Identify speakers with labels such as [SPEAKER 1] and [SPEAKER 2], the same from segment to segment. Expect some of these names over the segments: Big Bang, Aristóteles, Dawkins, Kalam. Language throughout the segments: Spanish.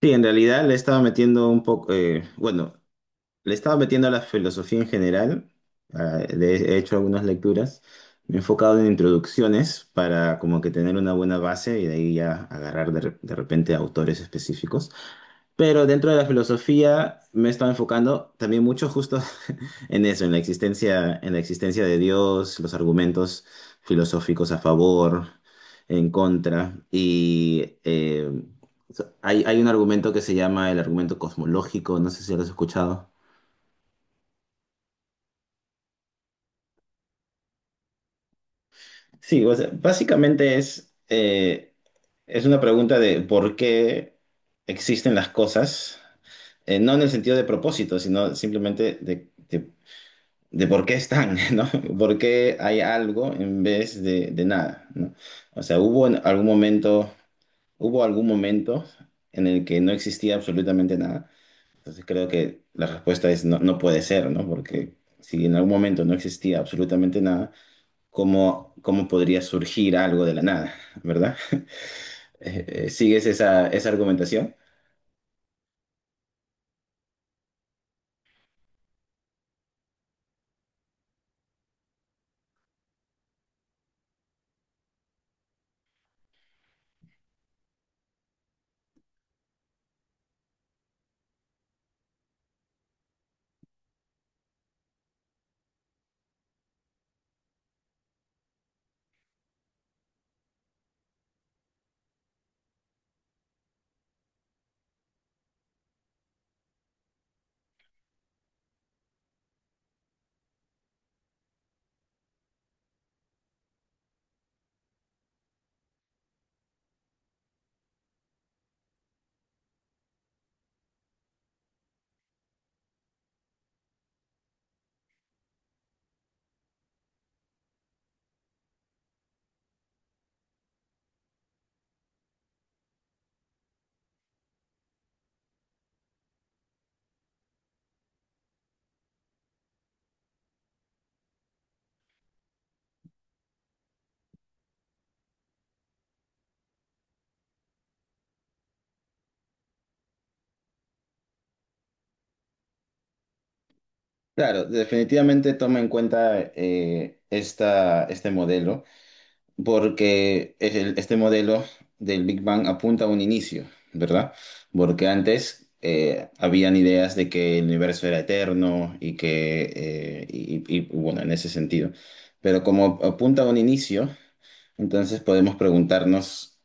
[SPEAKER 1] Sí, en realidad le estaba metiendo un poco, bueno, le estaba metiendo a la filosofía en general, he hecho algunas lecturas, me he enfocado en introducciones para como que tener una buena base y de ahí ya agarrar de repente autores específicos. Pero dentro de la filosofía me he estado enfocando también mucho justo en eso, en la existencia de Dios, los argumentos filosóficos a favor, en contra. Y hay un argumento que se llama el argumento cosmológico, no sé si lo has escuchado. Sí, o sea, básicamente es una pregunta de por qué existen las cosas, no en el sentido de propósito, sino simplemente de por qué están, ¿no? ¿Por qué hay algo en vez de nada, ¿no? O sea, hubo en algún momento, hubo algún momento en el que no existía absolutamente nada. Entonces creo que la respuesta es no, no puede ser, ¿no? Porque si en algún momento no existía absolutamente nada, ¿cómo podría surgir algo de la nada, ¿verdad? ¿Sigues esa argumentación? Claro, definitivamente toma en cuenta esta, este modelo. Porque este modelo del Big Bang apunta a un inicio, ¿verdad? Porque antes habían ideas de que el universo era eterno y que, bueno, en ese sentido. Pero como apunta a un inicio, entonces podemos preguntarnos,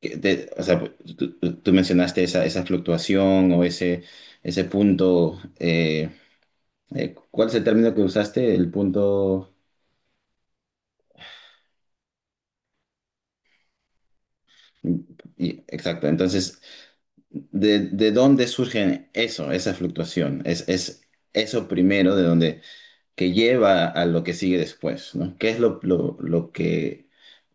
[SPEAKER 1] o sea, tú mencionaste esa, esa fluctuación o ese punto, ¿cuál es el término que usaste? El punto... Y- exacto, entonces de dónde surge eso, esa fluctuación? Es eso primero de donde que lleva a lo que sigue después, ¿no? ¿Qué es lo que,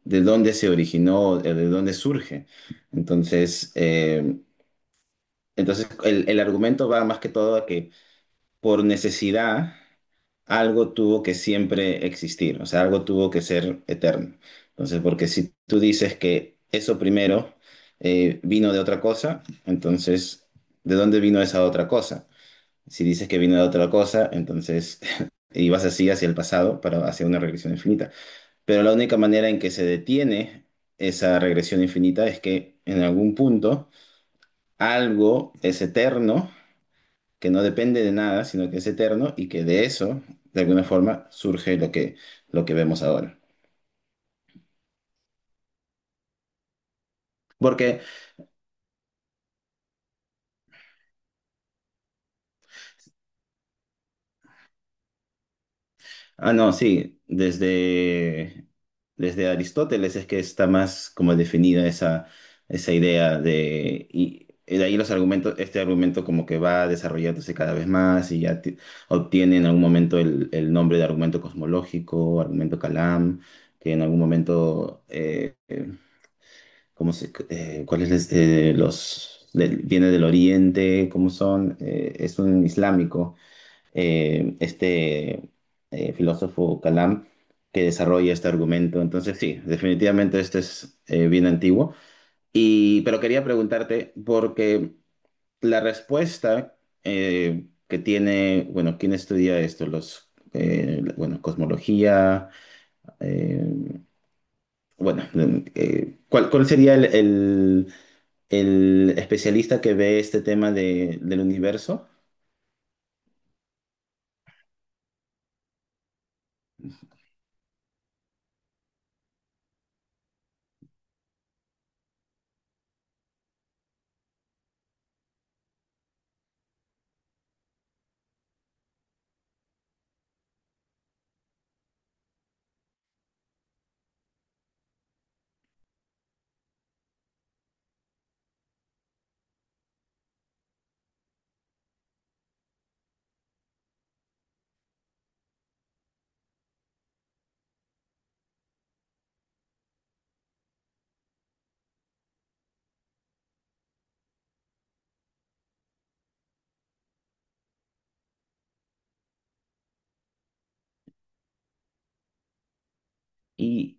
[SPEAKER 1] de dónde se originó, de dónde surge? Entonces, entonces el argumento va más que todo a que por necesidad, algo tuvo que siempre existir, o sea, algo tuvo que ser eterno. Entonces, porque si tú dices que eso primero vino de otra cosa, entonces, ¿de dónde vino esa otra cosa? Si dices que vino de otra cosa, entonces y vas así hacia el pasado para hacia una regresión infinita. Pero la única manera en que se detiene esa regresión infinita es que en algún punto algo es eterno que no depende de nada, sino que es eterno y que de eso, de alguna forma, surge lo que vemos ahora. Porque, ah, no, sí, desde, desde Aristóteles es que está más como definida esa, esa idea de... Y, de ahí los argumentos, este argumento como que va desarrollándose cada vez más y ya obtiene en algún momento el nombre de argumento cosmológico, argumento Kalam, que en algún momento ¿cómo se, cuál es viene del Oriente? ¿Cómo son? Es un islámico, eh, este filósofo Kalam, que desarrolla este argumento. Entonces, sí, definitivamente este es bien antiguo. Y, pero quería preguntarte, porque la respuesta que tiene, bueno, ¿quién estudia esto? Los, bueno, cosmología, eh, bueno, ¿cuál, cuál sería el especialista que ve este tema del universo. Y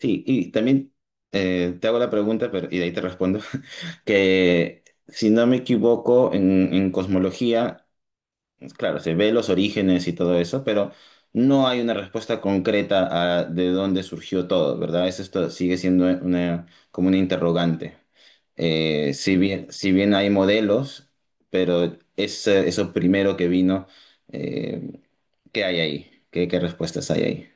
[SPEAKER 1] sí, y también te hago la pregunta, pero, y de ahí te respondo, que si no me equivoco, en cosmología, claro, se ve los orígenes y todo eso, pero no hay una respuesta concreta a de dónde surgió todo, ¿verdad? Eso esto sigue siendo una, como una interrogante. Si bien, si bien hay modelos, pero es eso primero que vino. eh, ¿Qué hay ahí? ¿Qué, qué respuestas hay ahí?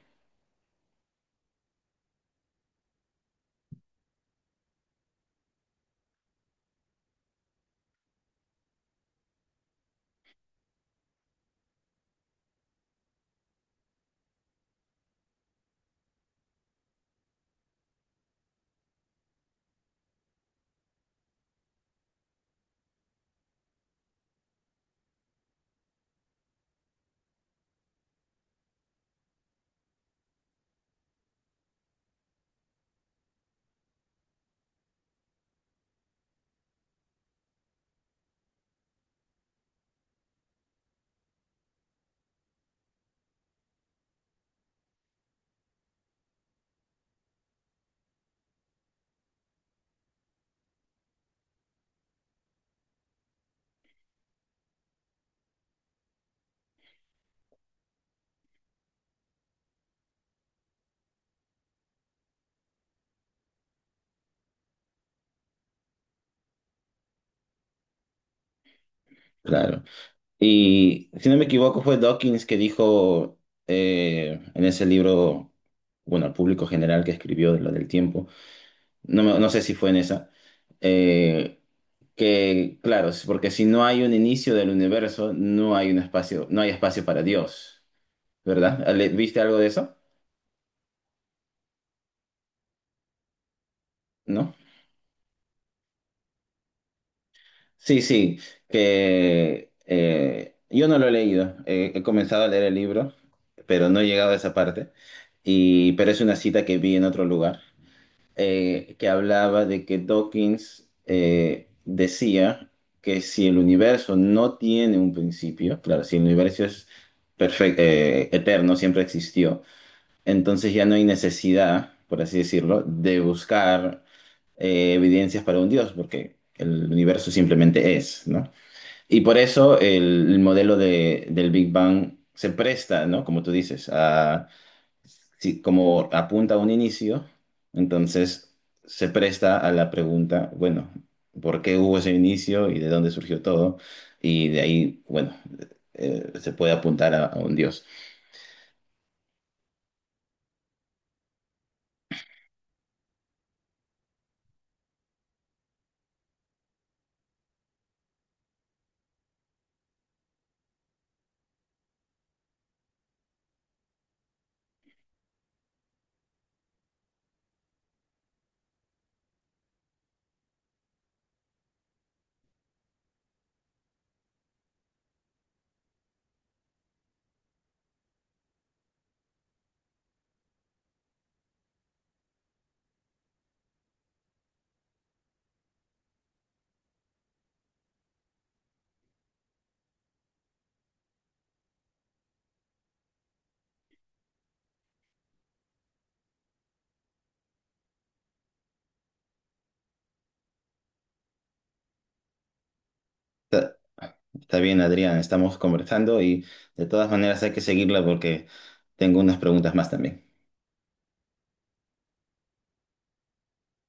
[SPEAKER 1] Claro. Y si no me equivoco, fue Dawkins que dijo en ese libro, bueno, al público general que escribió de lo del tiempo, no, no sé si fue en esa, eh, que, claro, es porque si no hay un inicio del universo, no hay un espacio, no hay espacio para Dios, ¿verdad? ¿Viste algo de eso? ¿No? Sí, sí, que yo no lo he leído. He comenzado a leer el libro, pero no he llegado a esa parte. Y, pero es una cita que vi en otro lugar, que hablaba de que Dawkins decía que si el universo no tiene un principio, claro, si el universo es eterno, siempre existió, entonces ya no hay necesidad, por así decirlo, de buscar evidencias para un Dios, porque el universo simplemente es, ¿no? Y por eso el modelo del Big Bang se presta, ¿no? Como tú dices, a, como apunta a un inicio, entonces se presta a la pregunta, bueno, ¿por qué hubo ese inicio y de dónde surgió todo? Y de ahí, bueno, se puede apuntar a un Dios. Está, está bien, Adrián, estamos conversando y de todas maneras hay que seguirla porque tengo unas preguntas más también.